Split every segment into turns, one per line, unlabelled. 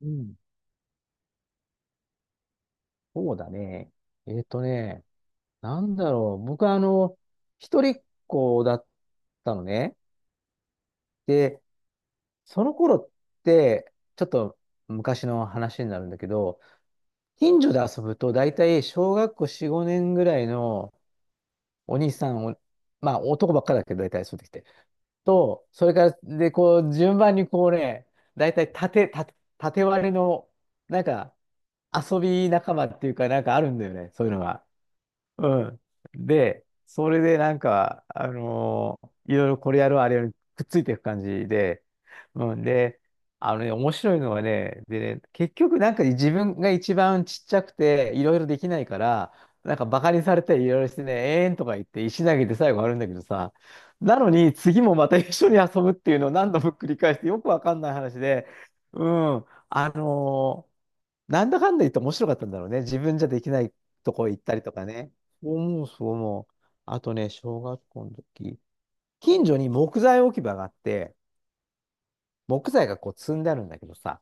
うん。そうだね。えっとね、なんだろう。僕は一人っ子だったのね。で、その頃って、ちょっと昔の話になるんだけど、近所で遊ぶと大体小学校4、5年ぐらいのお兄さんを、まあ男ばっかだけど大体そうできて。と、それから、で、こう、順番にこうね、大体縦割りの、なんか、遊び仲間っていうか、なんかあるんだよね。そういうのが。うん。で、それでなんか、いろいろこれやるあれやるくっついていく感じで、うん。で、あのね、面白いのはね、でね、結局なんか自分が一番ちっちゃくて、いろいろできないから、なんかバカにされたりいろいろしてね、えーんとか言って石投げて最後あるんだけどさ、なのに次もまた一緒に遊ぶっていうのを何度も繰り返してよくわかんない話で、うん。なんだかんだ言って面白かったんだろうね。自分じゃできないとこ行ったりとかね。そう思う、そう思う。あとね、小学校の時、近所に木材置き場があって、木材がこう積んであるんだけどさ、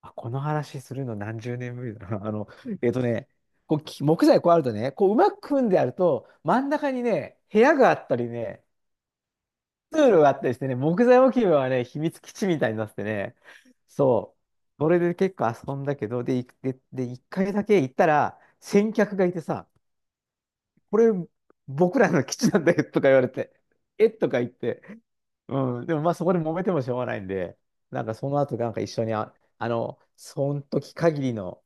あ、この話するの何十年ぶりだな。えっとね、こうき木材こうあるとね、こううまく組んであると、真ん中にね、部屋があったりね、通路があったりしてね、木材置き場はね、秘密基地みたいになっててね、そう、それで結構遊んだけど、で、いで、で、一回だけ行ったら、先客がいてさ、これ、僕らの基地なんだよとか言われて、えとか言って、うん、でもまあそこで揉めてもしょうがないんで、なんかその後なんか一緒にその時限りの、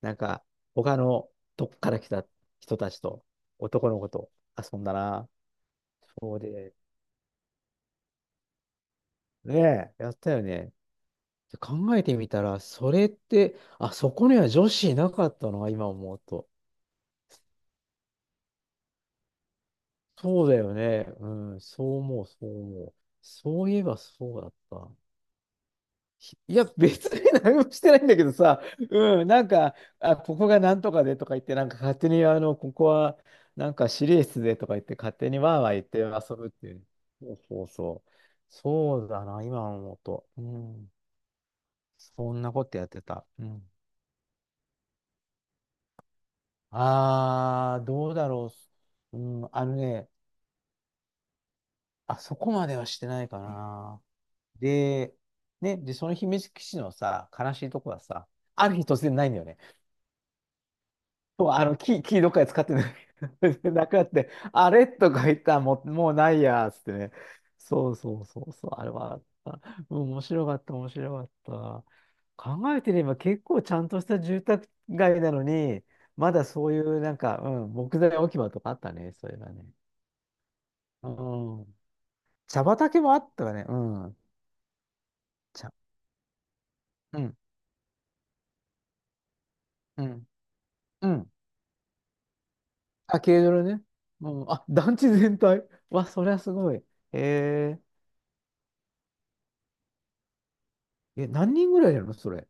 なんか他のどっから来た人たちと、男の子と遊んだな。そうで、ねえ、やったよね。で考えてみたら、それって、あ、そこには女子いなかったのが今思うと。そうだよね。うん、そう思う、そう思う。そういえばそうだった。いや、別に何もしてないんだけどさ、うん、なんか、あ、ここがなんとかでとか言って、なんか勝手に、あの、ここは、なんか指令室でとか言って、勝手にわーわー言って遊ぶっていう。そうそうそう。そうだな、今思うと。うん。そんなことやってた。うん。ああ、どうだろう。うん、あのね、あそこまではしてないかな。で、ね、で、その秘密基地のさ、悲しいとこはさ、ある日突然ないんだよね。そう、あの、キーどっかで使ってない。なくなって、あれとか言ったらもうないや、つってね。そうそうそうそう、あれはあった。うん、面白かった、面白かった。考えてみれば結構ちゃんとした住宅街なのに、まだそういうなんか、うん、木材置き場とかあったね、そういえばね。うん。茶畑もあったわね。うん。茶。うん。うん。うん。あ、軽泥ね。うん。あ、団地全体。わ、そりゃすごい。へええ、何人ぐらいやるのそれ。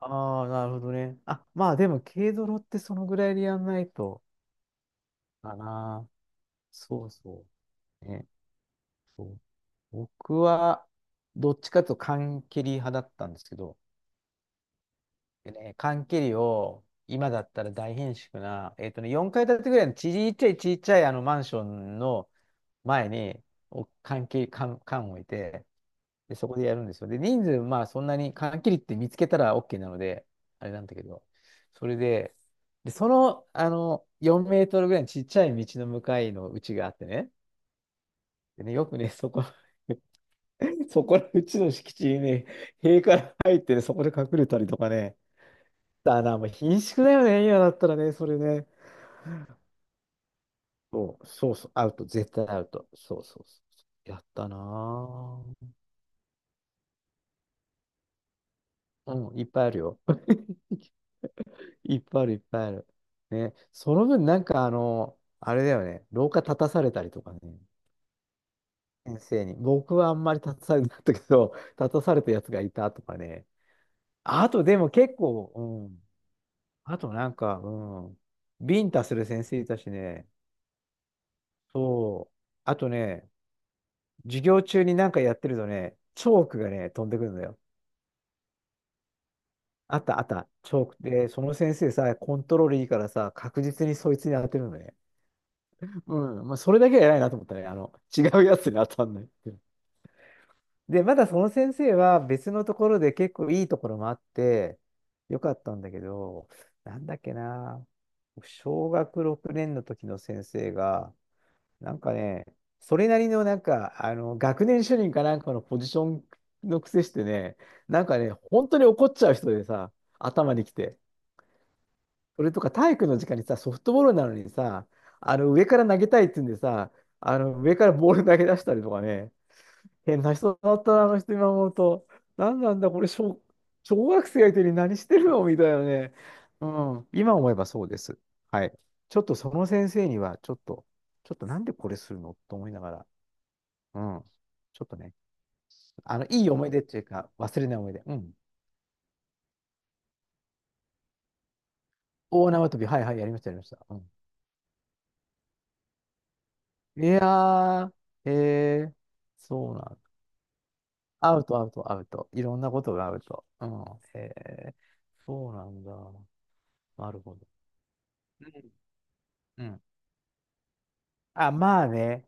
ああ、なるほどね。あ、まあでも、軽泥ってそのぐらいでやんないと、かな。そうそう。ね。そう。僕は、どっちかというと缶蹴り派だったんですけど、でね、缶切りを、今だったら大変縮な、4階建てぐらいのちっちゃいちっちゃいあのマンションの前に、お缶切り、缶、缶を置いて、で、そこでやるんですよ。で、人数、まあそんなに缶切りって見つけたら OK なので、あれなんだけど、それで、で、その、あの、4メートルぐらいのちっちゃい道の向かいの家があってね、でね、よくね、そこ、そこのうちの敷地にね、塀から入ってね、そこで隠れたりとかね、だな、もう貧縮だよね、今だったらね、それね。そう、そうそう、アウト、絶対アウト。そうそうそう。やったなぁ。うん、いっぱいあるよ。いっぱいある、いっぱいある。ね、その分、なんかあの、あれだよね、廊下立たされたりとかね、先生に。僕はあんまり立たされなかったけど、立たされたやつがいたとかね。あと、でも結構、うん。あとなんか、うん。ビンタする先生いたしね、そう。あとね、授業中になんかやってるとね、チョークがね、飛んでくるのよ。あったあった、チョークで、その先生さ、コントロールいいからさ、確実にそいつに当てるのね。うん、まあ、それだけは偉いなと思ったね。あの、違うやつに当たんないっていうで、まだその先生は別のところで結構いいところもあって、よかったんだけど、なんだっけな、小学6年の時の先生が、なんかね、それなりのなんか、あの、学年主任かなんかのポジションの癖してね、なんかね、本当に怒っちゃう人でさ、頭にきて。それとか体育の時間にさ、ソフトボールなのにさ、あの、上から投げたいって言うんでさ、あの、上からボール投げ出したりとかね、変な人だったな、あの人今思うと。なんなんだ、これ小、小学生相手に何してるのみたいなね。うん、今思えばそうです。はい。ちょっとその先生には、ちょっとなんでこれするのと思いながら、うん。ちょっとね、あの、いい思い出っていうか、忘れない思い出。うん。大縄跳び、はいはい、やりました、やりました。うん。いやー、へえ、そうなんだ。アウト、アウト、アウト。いろんなことがアウト。うん。へえ、そうなんだ。なるほど。うん。うん。あ、まあね、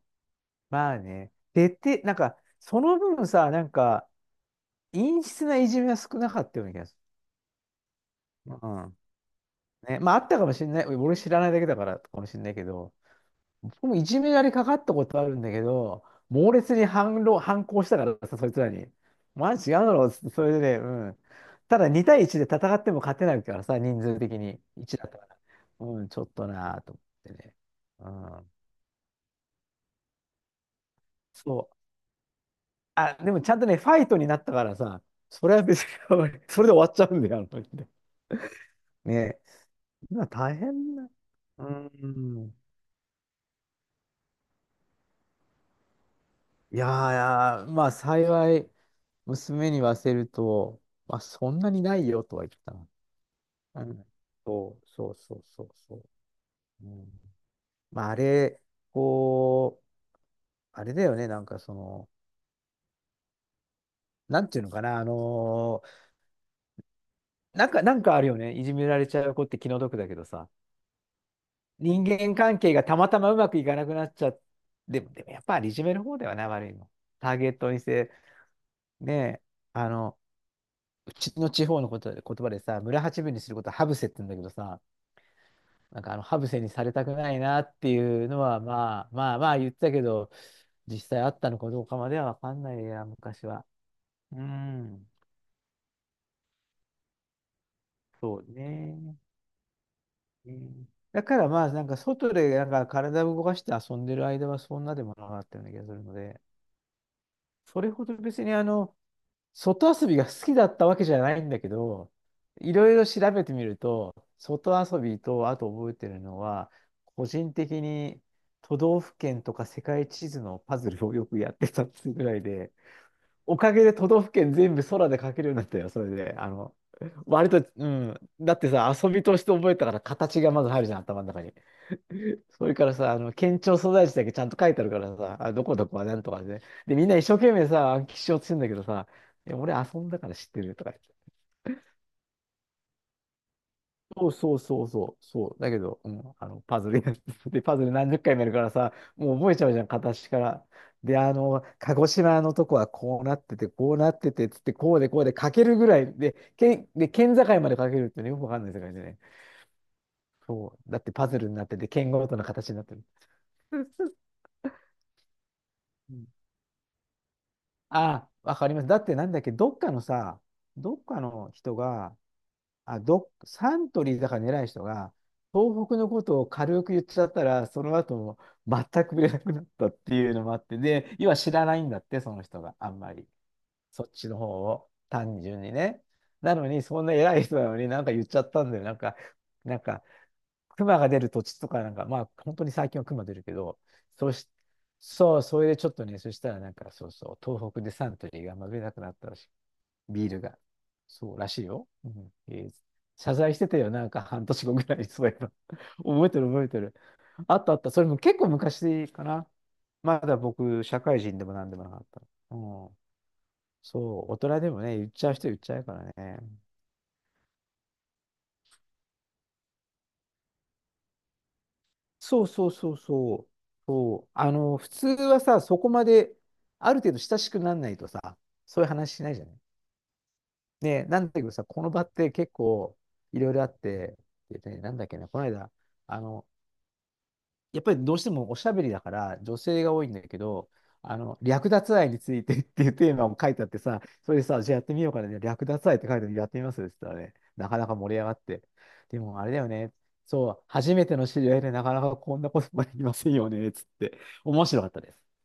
まあね。でて、なんか、その分さ、なんか、陰湿ないじめは少なかったような気がする。うん。ね、まあ、あったかもしれない。俺知らないだけだからかもしれないけど、僕もいじめられかかったことあるんだけど、猛烈に反論、反抗したからさ、そいつらに。マジ違うだろうっつって、それでね、うん。ただ2対1で戦っても勝てないからさ、人数的に1だったから。うん、ちょっとなぁと思ってね。うん。そう。あ、でもちゃんとね、ファイトになったからさ、それは別に それで終わっちゃうんだよ、あの時で。ね。今大変な。うん。いやー、まあ幸い、娘に言わせると、まあそんなにないよとは言ったな。うん。そう、そう、そう、そう、そう。うん、まああれ、こう、あれだよね、なんかその、なんていうのかな、なんか、なんかあるよね、いじめられちゃう子って気の毒だけどさ、人間関係がたまたまうまくいかなくなっちゃって、でも、でもやっぱりいじめる方ではない、悪いの。ターゲットにして。ね、あの、うちの地方のこと言葉でさ、村八分にすることはハブセって言うんだけどさ、なんかあのハブセにされたくないなっていうのは、まあ言ってたけど、実際あったのかどうかまではわかんないや、昔は。うん、そうね。うんだからまあ、なんか外でなんか体を動かして遊んでる間はそんなでもなかったような気がするので、それほど別に外遊びが好きだったわけじゃないんだけど、いろいろ調べてみると、外遊びと、あと覚えてるのは、個人的に都道府県とか世界地図のパズルをよくやってたっていうぐらいで、おかげで都道府県全部空で描けるようになったよ、それで。割と、うん。だってさ、遊びとして覚えたから形がまず入るじゃん、頭の中に。それからさ、県庁所在地だけちゃんと書いてあるからさ、あ、どこどこはなんとかで、ねで、みんな一生懸命さ、暗記しようとしてんだけどさ、いや俺遊んだから知ってるとか言って。そうそうそうそう、そう。だけど、うん、パズルやって、で、パズル何十回もやるからさ、もう覚えちゃうじゃん、片足から。で、鹿児島のとこはこうなってて、こうなってて、つって、こうでこうで書けるぐらいで、で、県境まで書けるってね、よくわかんない世界でね。そう。だってパズルになってて、県ごとの形になってる。あ、わかります。だってなんだっけ、どっかの人が、サントリーだから偉い人が、東北のことを軽く言っちゃったら、その後も全く売れなくなったっていうのもあって、で、要は知らないんだって、その人があんまり。そっちの方を、単純にね。なのに、そんな偉い人なのになんか言っちゃったんだよ。なんか、熊が出る土地とかなんか、まあ、本当に最近は熊出るけど、そうし、そう、それでちょっとね、そしたらなんか、そうそう、東北でサントリーがあんま売れなくなったらしい。ビールが。そうらしいよ。うん。謝罪してたよ、なんか半年後ぐらいにそういえば。覚えてる覚えてる。あったあった。それも結構昔かな。まだ僕、社会人でもなんでもなかった。うん。そう、大人でもね、言っちゃう人言っちゃうからね。そうそうそうそう。そう。普通はさ、そこまで、ある程度親しくならないとさ、そういう話しないじゃない。ね、なんだけどさ、この場って結構いろいろあって、でね、なんだっけな、この間、あの、やっぱりどうしてもおしゃべりだから女性が多いんだけど、略奪愛についてっていうテーマも書いてあってさ、それでさ、じゃあやってみようかな、ね、略奪愛って書いてあるやってみますって言ったらね、なかなか盛り上がって。でもあれだよね、そう、初めての知り合いでなかなかこんなこともできませんよね、つって、面白かったです。